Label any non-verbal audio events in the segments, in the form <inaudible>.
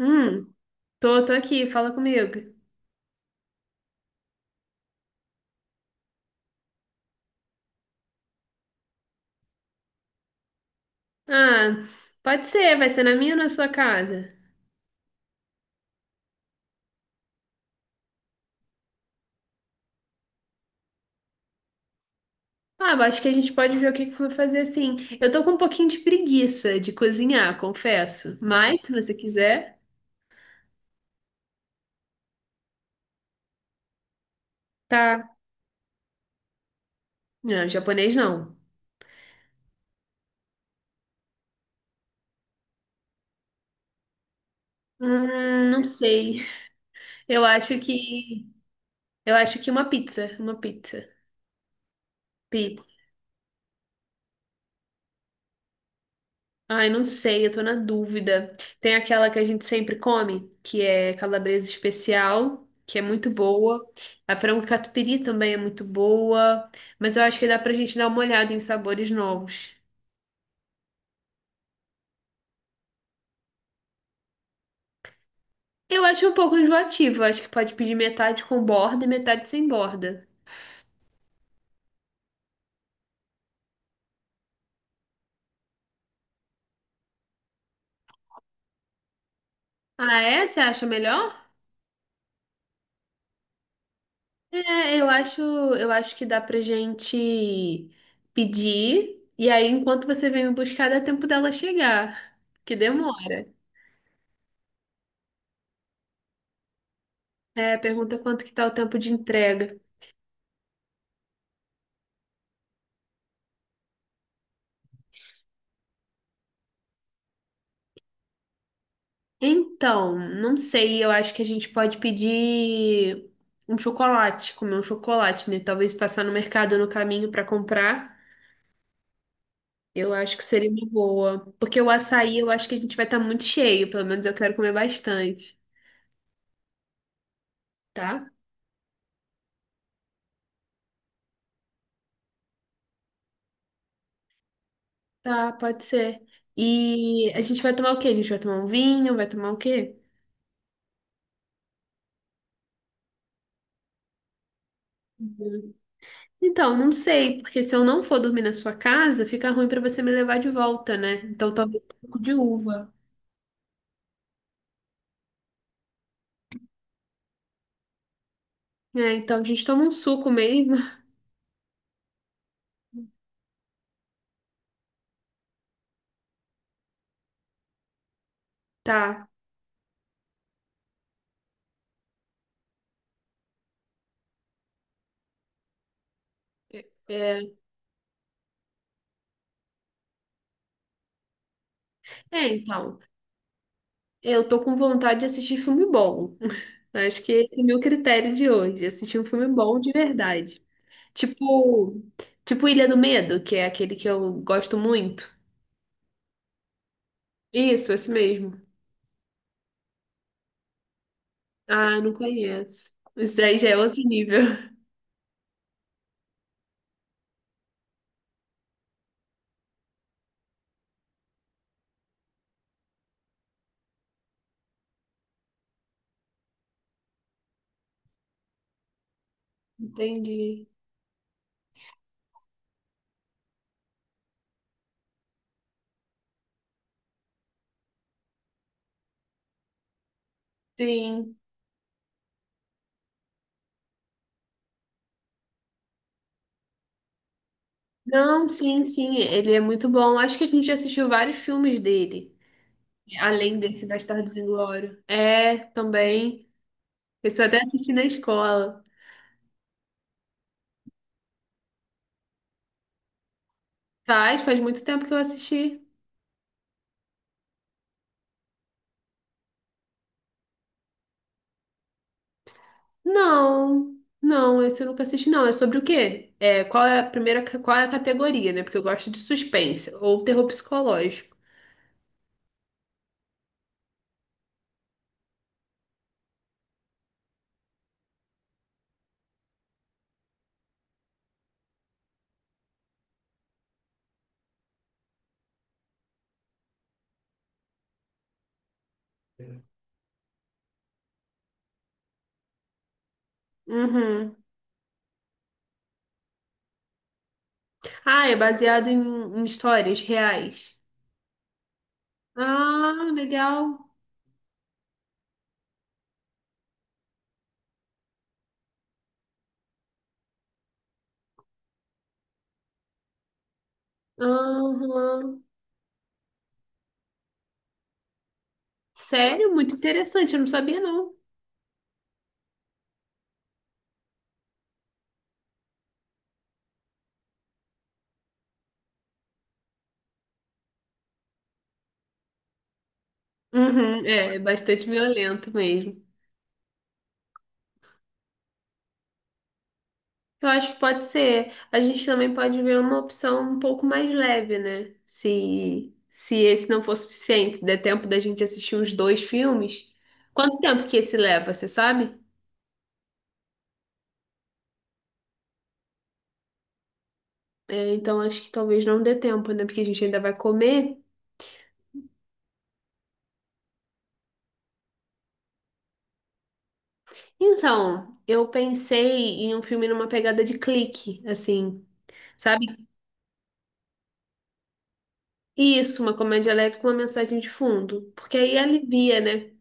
Hum, tô aqui, fala comigo. Ah, pode ser, vai ser na minha ou na sua casa? Ah, eu acho que a gente pode ver o que que for fazer assim. Eu tô com um pouquinho de preguiça de cozinhar, confesso. Mas, se você quiser, tá. Não, japonês não. Não sei. Eu acho que. Eu acho que uma pizza. Uma pizza. Ai, não sei, eu tô na dúvida. Tem aquela que a gente sempre come, que é calabresa especial, que é muito boa. A frango catupiry também é muito boa, mas eu acho que dá pra gente dar uma olhada em sabores novos. Eu acho um pouco enjoativo, eu acho que pode pedir metade com borda e metade sem borda. Ah, é? Você acha melhor? É, eu acho que dá pra gente pedir, e aí enquanto você vem me buscar, dá tempo dela chegar, que demora. É, pergunta quanto que tá o tempo de entrega. Então, não sei, eu acho que a gente pode pedir um chocolate, comer um chocolate, né? Talvez passar no mercado no caminho para comprar. Eu acho que seria uma boa. Porque o açaí eu acho que a gente vai estar muito cheio, pelo menos eu quero comer bastante, tá? Tá, pode ser. E a gente vai tomar o quê? A gente vai tomar um vinho, vai tomar o quê? Então, não sei, porque se eu não for dormir na sua casa, fica ruim para você me levar de volta, né? Então, talvez um pouco de uva. É, então a gente toma um suco mesmo. <laughs> Tá. É, é, então. Eu tô com vontade de assistir filme bom. <laughs> Acho que esse é o meu critério de hoje, assistir um filme bom de verdade. Tipo, tipo Ilha do Medo, que é aquele que eu gosto muito. Isso, esse mesmo. Ah, não conheço. Isso aí já é outro nível. <laughs> Entendi. Sim. Não, sim, sim, ele é muito bom. Acho que a gente já assistiu vários filmes dele, além desse Bastardos Inglórios. É, também. Esse eu até assisti na escola. Faz muito tempo que eu assisti. Não, não, esse eu nunca assisti, não. É sobre o quê? É, qual é a primeira, qual é a categoria, né? Porque eu gosto de suspense ou terror psicológico. Uhum. Ah, é baseado em histórias reais. Ah, legal. Aham. Sério, muito interessante, eu não sabia, não. Uhum, é, é bastante violento mesmo. Eu acho que pode ser. A gente também pode ver uma opção um pouco mais leve, né? Se esse não for suficiente, der tempo da gente assistir os dois filmes. Quanto tempo que esse leva, você sabe? É, então acho que talvez não dê tempo, né? Porque a gente ainda vai comer. Então, eu pensei em um filme numa pegada de clique, assim, sabe? Isso, uma comédia leve com uma mensagem de fundo. Porque aí alivia, né?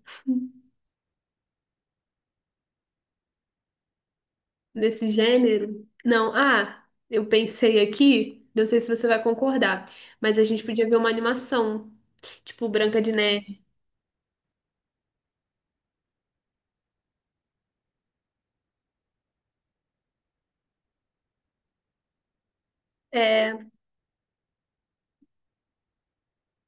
Desse gênero? Não, ah, eu pensei aqui, não sei se você vai concordar, mas a gente podia ver uma animação, tipo Branca de Neve. É,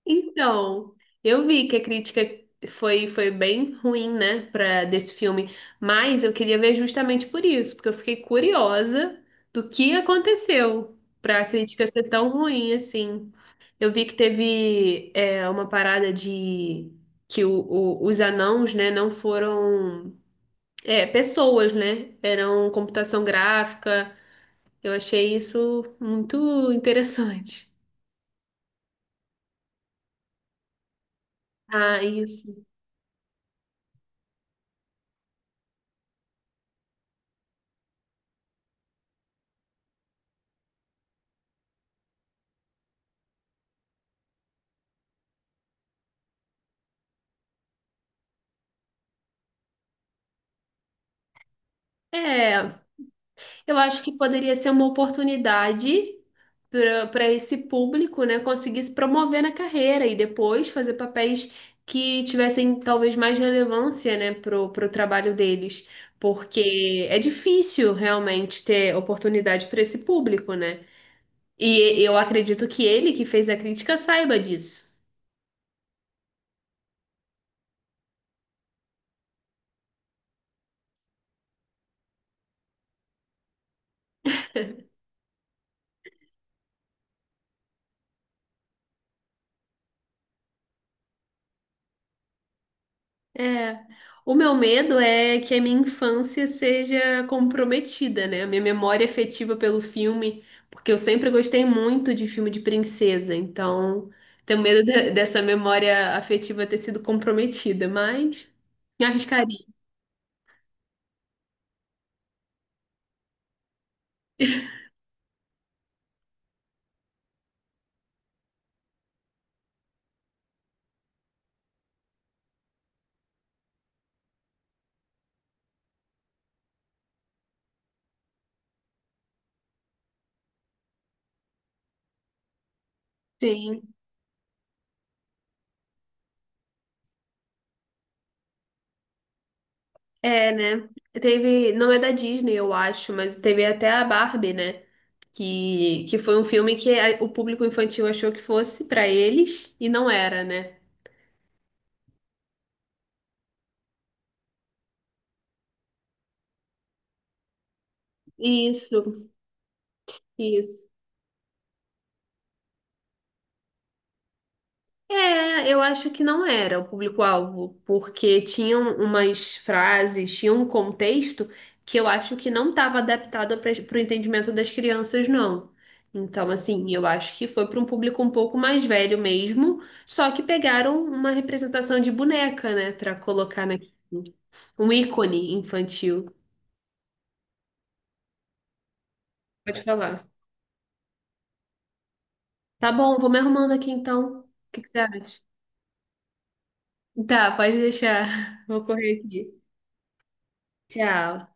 então, eu vi que a crítica foi bem ruim, né, para desse filme, mas eu queria ver justamente por isso, porque eu fiquei curiosa do que aconteceu para a crítica ser tão ruim assim. Eu vi que teve é, uma parada de que os anãos, né, não foram é, pessoas, né? Eram computação gráfica. Eu achei isso muito interessante. <laughs> Ah, isso. É, eu acho que poderia ser uma oportunidade para esse público, né, conseguir se promover na carreira e depois fazer papéis que tivessem talvez mais relevância, né, pro trabalho deles. Porque é difícil realmente ter oportunidade para esse público, né? E eu acredito que ele que fez a crítica saiba disso. É, o meu medo é que a minha infância seja comprometida, né? A minha memória afetiva pelo filme, porque eu sempre gostei muito de filme de princesa, então tenho medo de- dessa memória afetiva ter sido comprometida, mas me arriscaria. Sim, é, né? Teve, não é da Disney, eu acho, mas teve até a Barbie, né? Que foi um filme que a- o público infantil achou que fosse pra eles e não era, né? Isso, isso. É, eu acho que não era o público-alvo, porque tinham umas frases, tinha um contexto que eu acho que não estava adaptado para o entendimento das crianças, não. Então, assim, eu acho que foi para um público um pouco mais velho mesmo, só que pegaram uma representação de boneca, né, para colocar naquilo. Um ícone infantil. Pode falar. Tá bom, vou me arrumando aqui então. O que que você acha? Tá, pode deixar. <laughs> Vou correr aqui. Tchau.